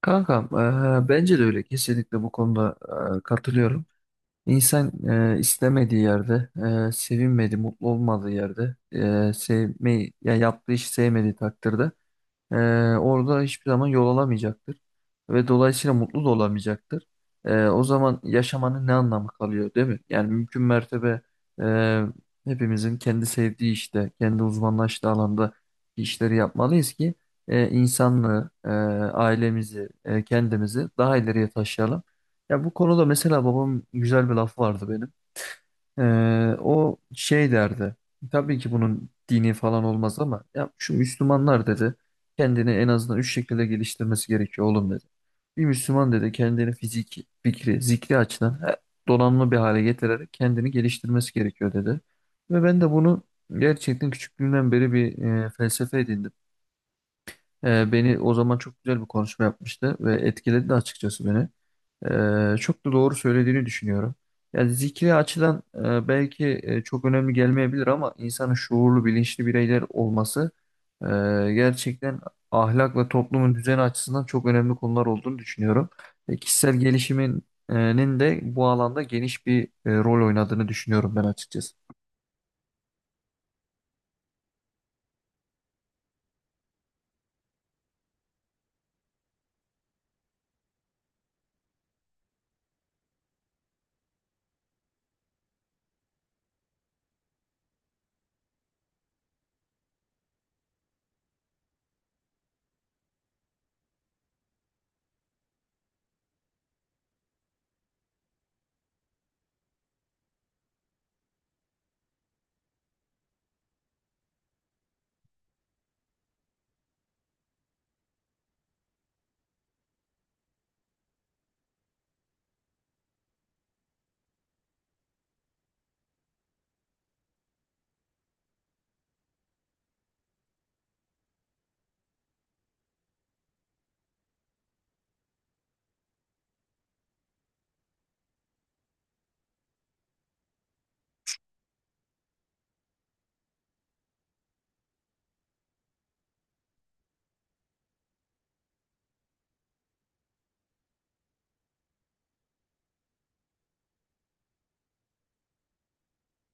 Kankam, bence de öyle. Kesinlikle bu konuda katılıyorum. İnsan istemediği yerde, sevinmediği, mutlu olmadığı yerde, sevmeyi, ya yaptığı işi sevmediği takdirde ee, orada hiçbir zaman yol alamayacaktır ve dolayısıyla mutlu da olamayacaktır. O zaman yaşamanın ne anlamı kalıyor, değil mi? Yani mümkün mertebe e, hepimizin kendi sevdiği işte, kendi uzmanlaştığı alanda işleri yapmalıyız ki insanlığı, ailemizi, kendimizi daha ileriye taşıyalım. Ya bu konuda mesela babamın güzel bir lafı vardı benim. O şey derdi. Tabii ki bunun dini falan olmaz ama ya şu Müslümanlar dedi kendini en azından 3 şekilde geliştirmesi gerekiyor oğlum dedi. Bir Müslüman dedi kendini fiziki, fikri, zikri açıdan he, donanımlı bir hale getirerek kendini geliştirmesi gerekiyor dedi. Ve ben de bunu gerçekten küçüklüğümden beri bir felsefe edindim. Beni o zaman çok güzel bir konuşma yapmıştı ve etkiledi de açıkçası beni. Çok da doğru söylediğini düşünüyorum. Yani zikri açıdan belki çok önemli gelmeyebilir ama insanın şuurlu, bilinçli bireyler olması e, gerçekten ahlak ve toplumun düzeni açısından çok önemli konular olduğunu düşünüyorum. Kişisel gelişiminin de bu alanda geniş bir rol oynadığını düşünüyorum ben açıkçası.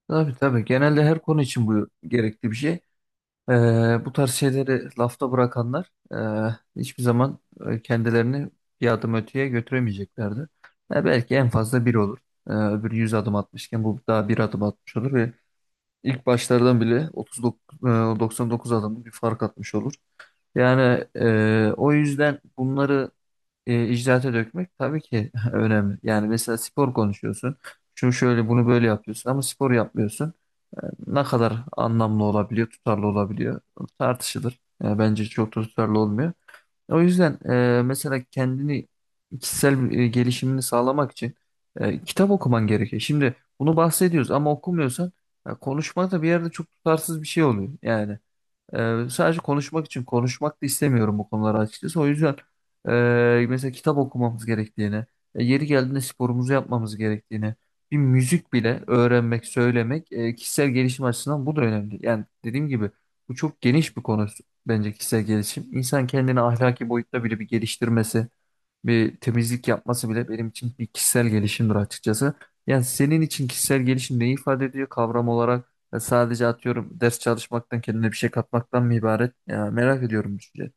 Tabii tabii. Genelde her konu için bu gerekli bir şey. Bu tarz şeyleri lafta bırakanlar hiçbir zaman kendilerini bir adım öteye götüremeyeceklerdi. Belki en fazla bir olur. Öbürü 100 adım atmışken bu daha 1 adım atmış olur ve ilk başlardan bile 39, 99 adımlık bir fark atmış olur. Yani o yüzden bunları icraate dökmek tabii ki önemli. Yani mesela spor konuşuyorsun. Şu şöyle bunu böyle yapıyorsun ama spor yapmıyorsun. E, Ne kadar anlamlı olabiliyor, tutarlı olabiliyor tartışılır. Bence çok da tutarlı olmuyor. O yüzden mesela kendini kişisel gelişimini sağlamak için kitap okuman gerekiyor. Şimdi bunu bahsediyoruz ama okumuyorsan ya konuşma da bir yerde çok tutarsız bir şey oluyor yani. Sadece konuşmak için konuşmak da istemiyorum bu konuları açıkçası. O yüzden mesela kitap okumamız gerektiğini, yeri geldiğinde sporumuzu yapmamız gerektiğini, bir müzik bile öğrenmek, söylemek kişisel gelişim açısından bu da önemli. Yani dediğim gibi bu çok geniş bir konu bence kişisel gelişim. İnsan kendini ahlaki boyutta bile bir geliştirmesi, bir temizlik yapması bile benim için bir kişisel gelişimdir açıkçası. Yani senin için kişisel gelişim ne ifade ediyor kavram olarak? Ya sadece atıyorum ders çalışmaktan kendine bir şey katmaktan mı ibaret? Ya merak ediyorum düşünce.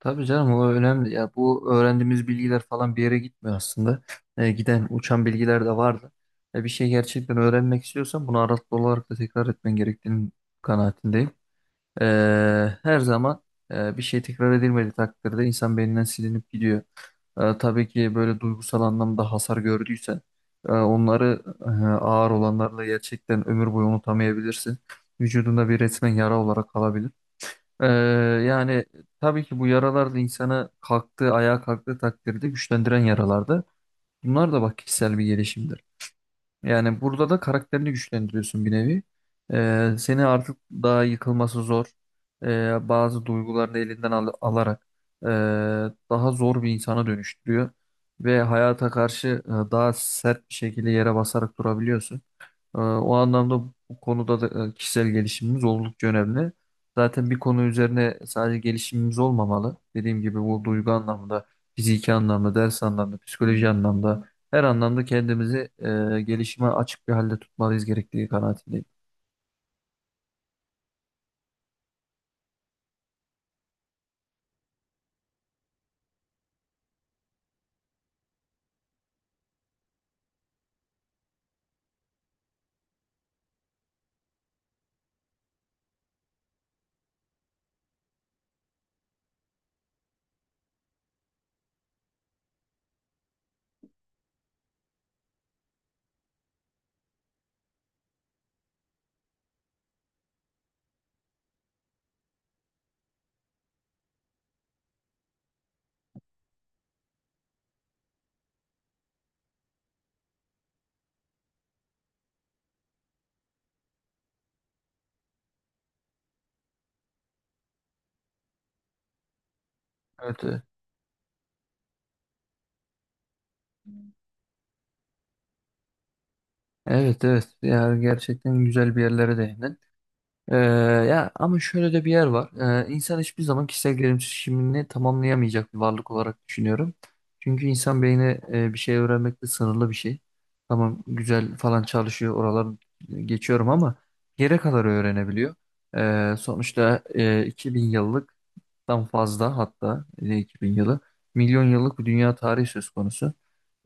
Tabii canım o önemli. Ya bu öğrendiğimiz bilgiler falan bir yere gitmiyor aslında. Giden uçan bilgiler de vardı. Bir şey gerçekten öğrenmek istiyorsan bunu aralıklı olarak da tekrar etmen gerektiğini kanaatindeyim. E, Her zaman bir şey tekrar edilmediği takdirde insan beyninden silinip gidiyor. Tabii ki böyle duygusal anlamda hasar gördüysen onları ağır olanlarla gerçekten ömür boyu unutamayabilirsin. Vücudunda bir resmen yara olarak kalabilir. E, Yani tabii ki bu yaralar da insanı kalktığı, ayağa kalktığı takdirde güçlendiren yaralardı. Bunlar da bak kişisel bir gelişimdir. Yani burada da karakterini güçlendiriyorsun bir nevi. Seni artık daha yıkılması zor. Bazı duygularını alarak ee, daha zor bir insana dönüştürüyor. Ve hayata karşı daha sert bir şekilde yere basarak durabiliyorsun. O anlamda bu konuda da kişisel gelişimimiz oldukça önemli. Zaten bir konu üzerine sadece gelişimimiz olmamalı. Dediğim gibi bu duygu anlamında, fiziki anlamda, ders anlamda, psikoloji anlamda her anlamda kendimizi gelişime açık bir halde tutmalıyız gerektiği kanaatindeyim. Evet, e, evet. Yani gerçekten güzel bir yerlere değindin. Ee, Ya ama şöyle de bir yer var. İnsan hiçbir zaman kişisel gelişimini tamamlayamayacak bir varlık olarak düşünüyorum. Çünkü insan beyni bir şey öğrenmekte sınırlı bir şey. Tamam güzel falan çalışıyor oralar geçiyorum ama yere kadar öğrenebiliyor. Sonuçta 2000 yıllık tam fazla hatta 2000 yılı milyon yıllık bir dünya tarihi söz konusu.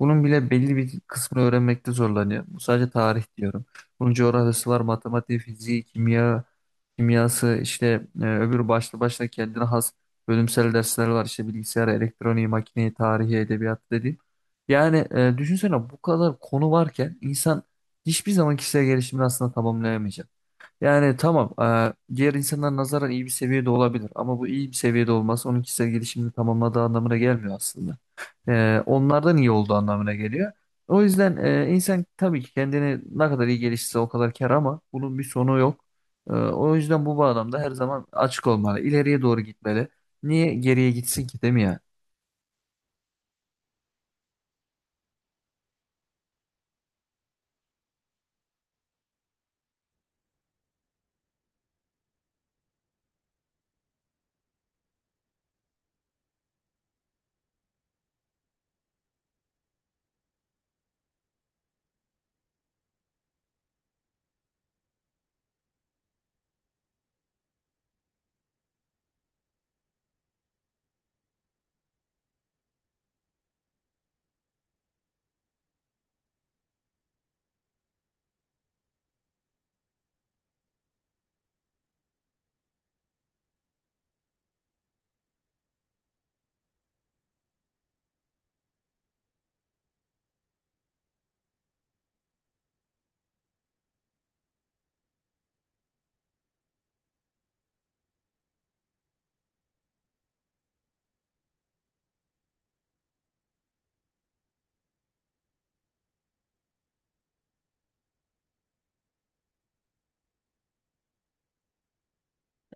Bunun bile belli bir kısmını öğrenmekte zorlanıyor. Bu sadece tarih diyorum. Bunun coğrafyası var, matematiği, fiziği, kimya, kimyası işte öbür başlı başına kendine has bölümsel dersler var işte bilgisayar, elektroniği, makineyi, tarihi, edebiyat dediğim. Yani düşünsene bu kadar konu varken insan hiçbir zaman kişisel gelişimini aslında tamamlayamayacak. Yani tamam, diğer insanlara nazaran iyi bir seviyede olabilir ama bu iyi bir seviyede olması onun kişisel gelişimini tamamladığı anlamına gelmiyor aslında. Onlardan iyi olduğu anlamına geliyor. O yüzden insan tabii ki kendini ne kadar iyi geliştirse o kadar kar ama bunun bir sonu yok. O yüzden bu bağlamda her zaman açık olmalı, ileriye doğru gitmeli. Niye geriye gitsin ki değil mi ya?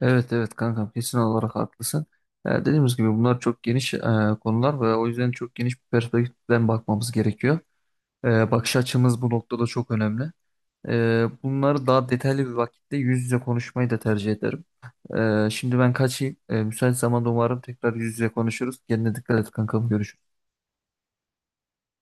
Evet, evet, kankam kesin olarak haklısın. Dediğimiz gibi bunlar çok geniş konular ve o yüzden çok geniş bir perspektiften bakmamız gerekiyor. Bakış açımız bu noktada çok önemli. Bunları daha detaylı bir vakitte yüz yüze konuşmayı da tercih ederim. Şimdi ben kaçayım. Müsait zamanda umarım tekrar yüz yüze konuşuruz. Kendine dikkat et kankam. Görüşürüz.